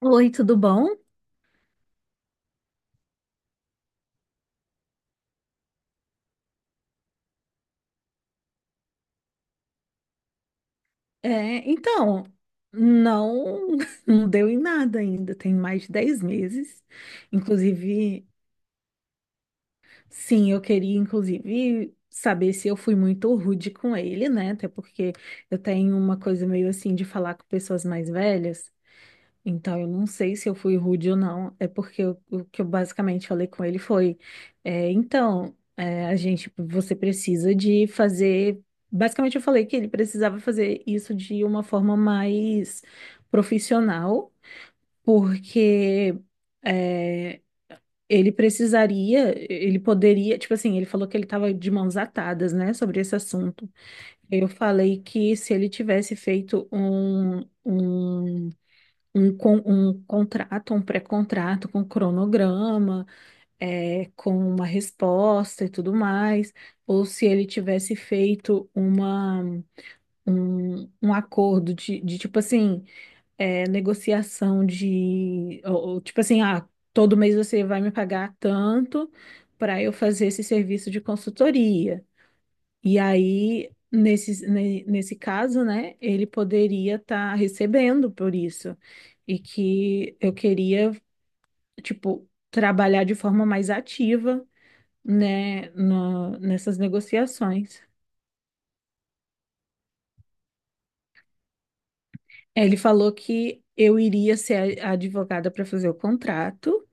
Oi, tudo bom? É, então, não, não deu em nada ainda, tem mais de 10 meses. Inclusive, sim, eu queria, inclusive, saber se eu fui muito rude com ele, né? Até porque eu tenho uma coisa meio assim de falar com pessoas mais velhas. Então, eu não sei se eu fui rude ou não, é porque o que eu basicamente falei com ele foi: a gente, tipo, você precisa de fazer. Basicamente, eu falei que ele precisava fazer isso de uma forma mais profissional, porque é, ele precisaria, ele poderia. Tipo assim, ele falou que ele estava de mãos atadas, né, sobre esse assunto. Eu falei que se ele tivesse feito um contrato, um pré-contrato com cronograma, é, com uma resposta e tudo mais, ou se ele tivesse feito um acordo de tipo assim, é, negociação ou, tipo assim, ah, todo mês você vai me pagar tanto para eu fazer esse serviço de consultoria. E aí, nesse caso, né, ele poderia estar recebendo por isso. E que eu queria, tipo, trabalhar de forma mais ativa, né, nessas negociações. Ele falou que eu iria ser a advogada para fazer o contrato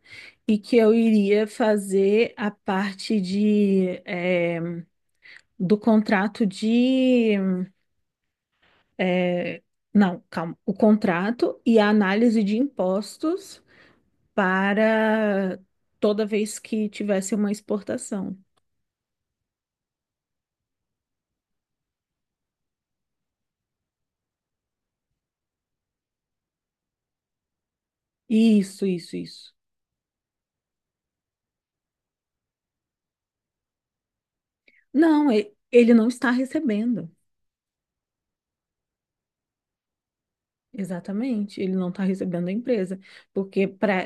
e que eu iria fazer a parte de, eh, do contrato de. É, não, calma. O contrato e a análise de impostos para toda vez que tivesse uma exportação. Isso, isso, isso. Não, ele não está recebendo. Exatamente, ele não está recebendo a empresa, porque para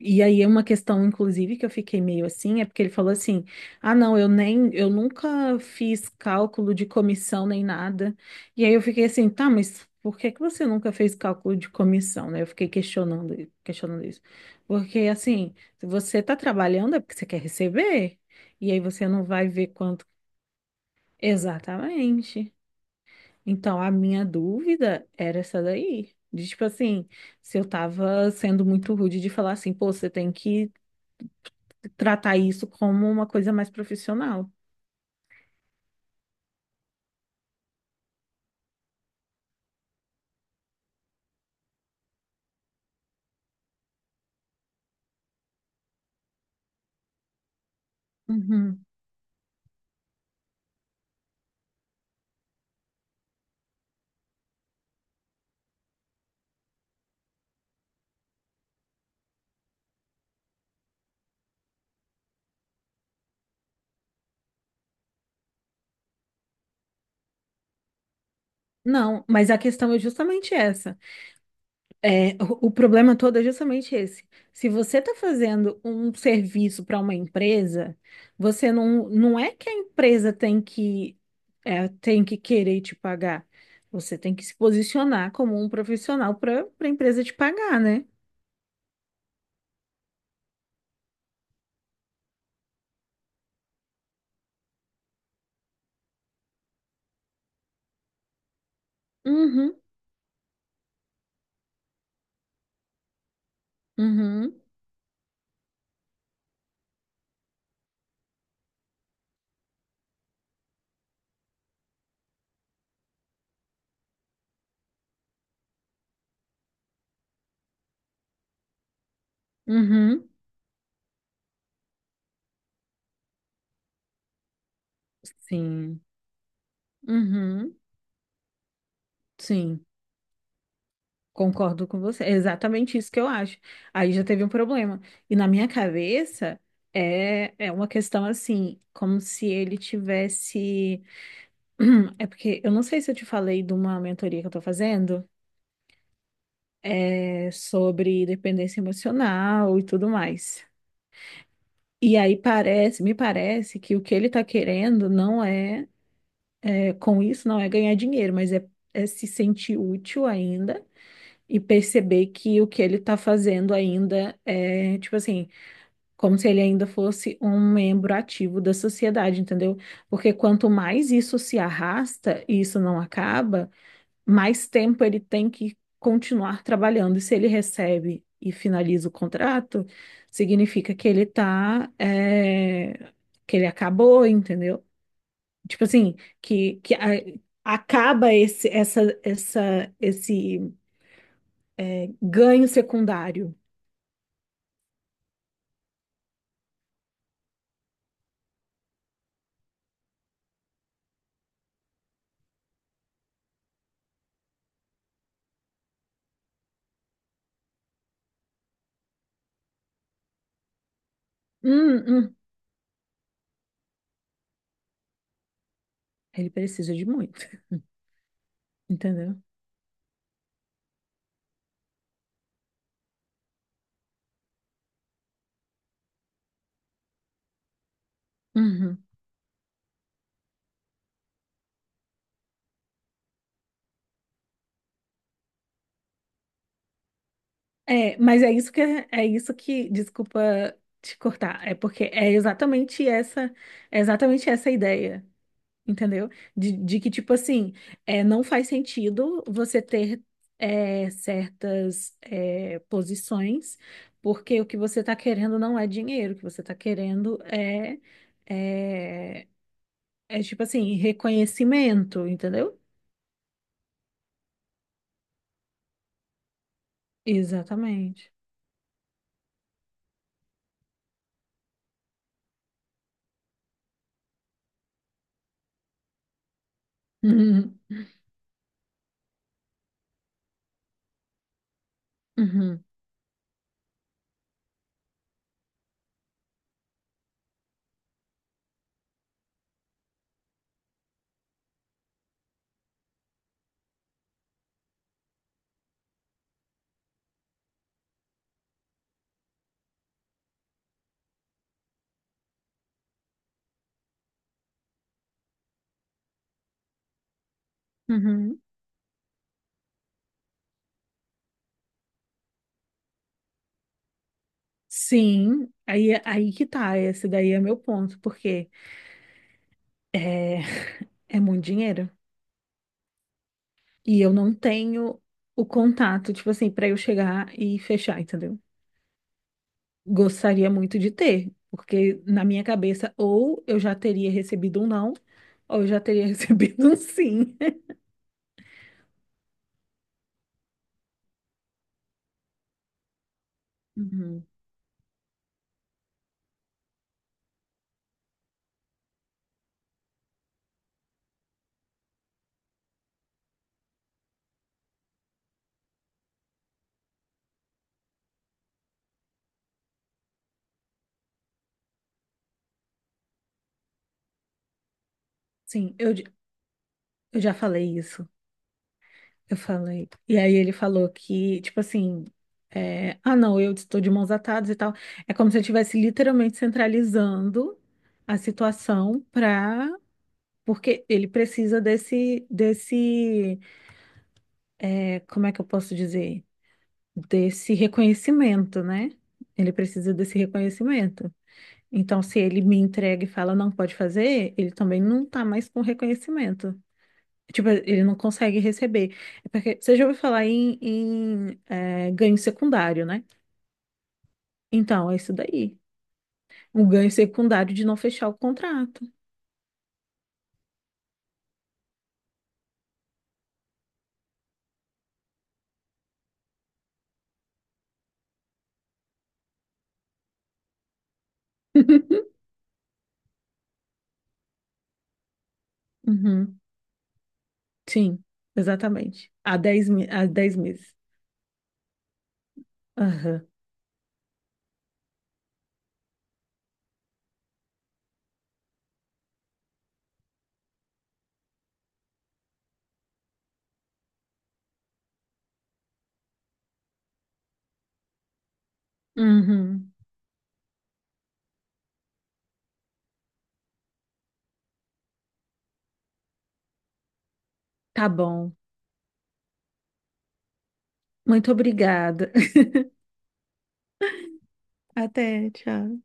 e aí é uma questão inclusive que eu fiquei meio assim, é porque ele falou assim: "Ah, não, eu nunca fiz cálculo de comissão nem nada". E aí eu fiquei assim: "Tá, mas por que que você nunca fez cálculo de comissão?", né? Eu fiquei questionando, questionando isso. Porque assim, se você está trabalhando é porque você quer receber, e aí você não vai ver quanto. Exatamente. Então, a minha dúvida era essa daí. De, tipo assim, se eu tava sendo muito rude de falar assim, pô, você tem que tratar isso como uma coisa mais profissional. Uhum. Não, mas a questão é justamente essa. O problema todo é justamente esse. Se você está fazendo um serviço para uma empresa, você não é que a empresa tem que, é, tem que querer te pagar. Você tem que se posicionar como um profissional para a empresa te pagar, né? Uhum, uhum, uhum, sim, uhum, sim, concordo com você. É exatamente isso que eu acho. Aí já teve um problema. E na minha cabeça é uma questão assim, como se ele tivesse. É porque eu não sei se eu te falei de uma mentoria que eu tô fazendo, é sobre dependência emocional e tudo mais. E aí parece, me parece que o que ele tá querendo não é. Com isso não é ganhar dinheiro, mas é se sentir útil ainda e perceber que o que ele está fazendo ainda é, tipo assim, como se ele ainda fosse um membro ativo da sociedade, entendeu? Porque quanto mais isso se arrasta e isso não acaba, mais tempo ele tem que continuar trabalhando. E se ele recebe e finaliza o contrato, significa que ele tá, é, que ele acabou, entendeu? Tipo assim, acaba esse ganho secundário. Hum, hum. Ele precisa de muito, entendeu? Uhum. É, mas é isso que, desculpa te cortar, é porque é exatamente essa a ideia. Entendeu? De que, tipo assim, é, não faz sentido você ter certas posições, porque o que você está querendo não é dinheiro, o que você está querendo é, é tipo assim, reconhecimento, entendeu? Exatamente. Uhum, uhum, uhum. Sim, aí, é, aí que tá, esse daí é meu ponto, porque é, é muito dinheiro. E eu não tenho o contato, tipo assim, para eu chegar e fechar, entendeu? Gostaria muito de ter, porque na minha cabeça, ou eu já teria recebido um não, ou eu já teria recebido um sim. Uhum. Sim, eu já falei isso. Eu falei. E aí ele falou que, tipo assim, ah, não, eu estou de mãos atadas e tal. É como se eu estivesse literalmente centralizando a situação para. Porque ele precisa desse. Como é que eu posso dizer? Desse reconhecimento, né? Ele precisa desse reconhecimento. Então, se ele me entrega e fala não pode fazer, ele também não tá mais com reconhecimento. Tipo, ele não consegue receber. É porque você já ouviu falar em ganho secundário, né? Então, é isso daí. Um ganho secundário de não fechar o contrato. Uhum, sim, exatamente. Há 10 meses. Aham. Uhum. Tá bom. Muito obrigada. Até, tchau.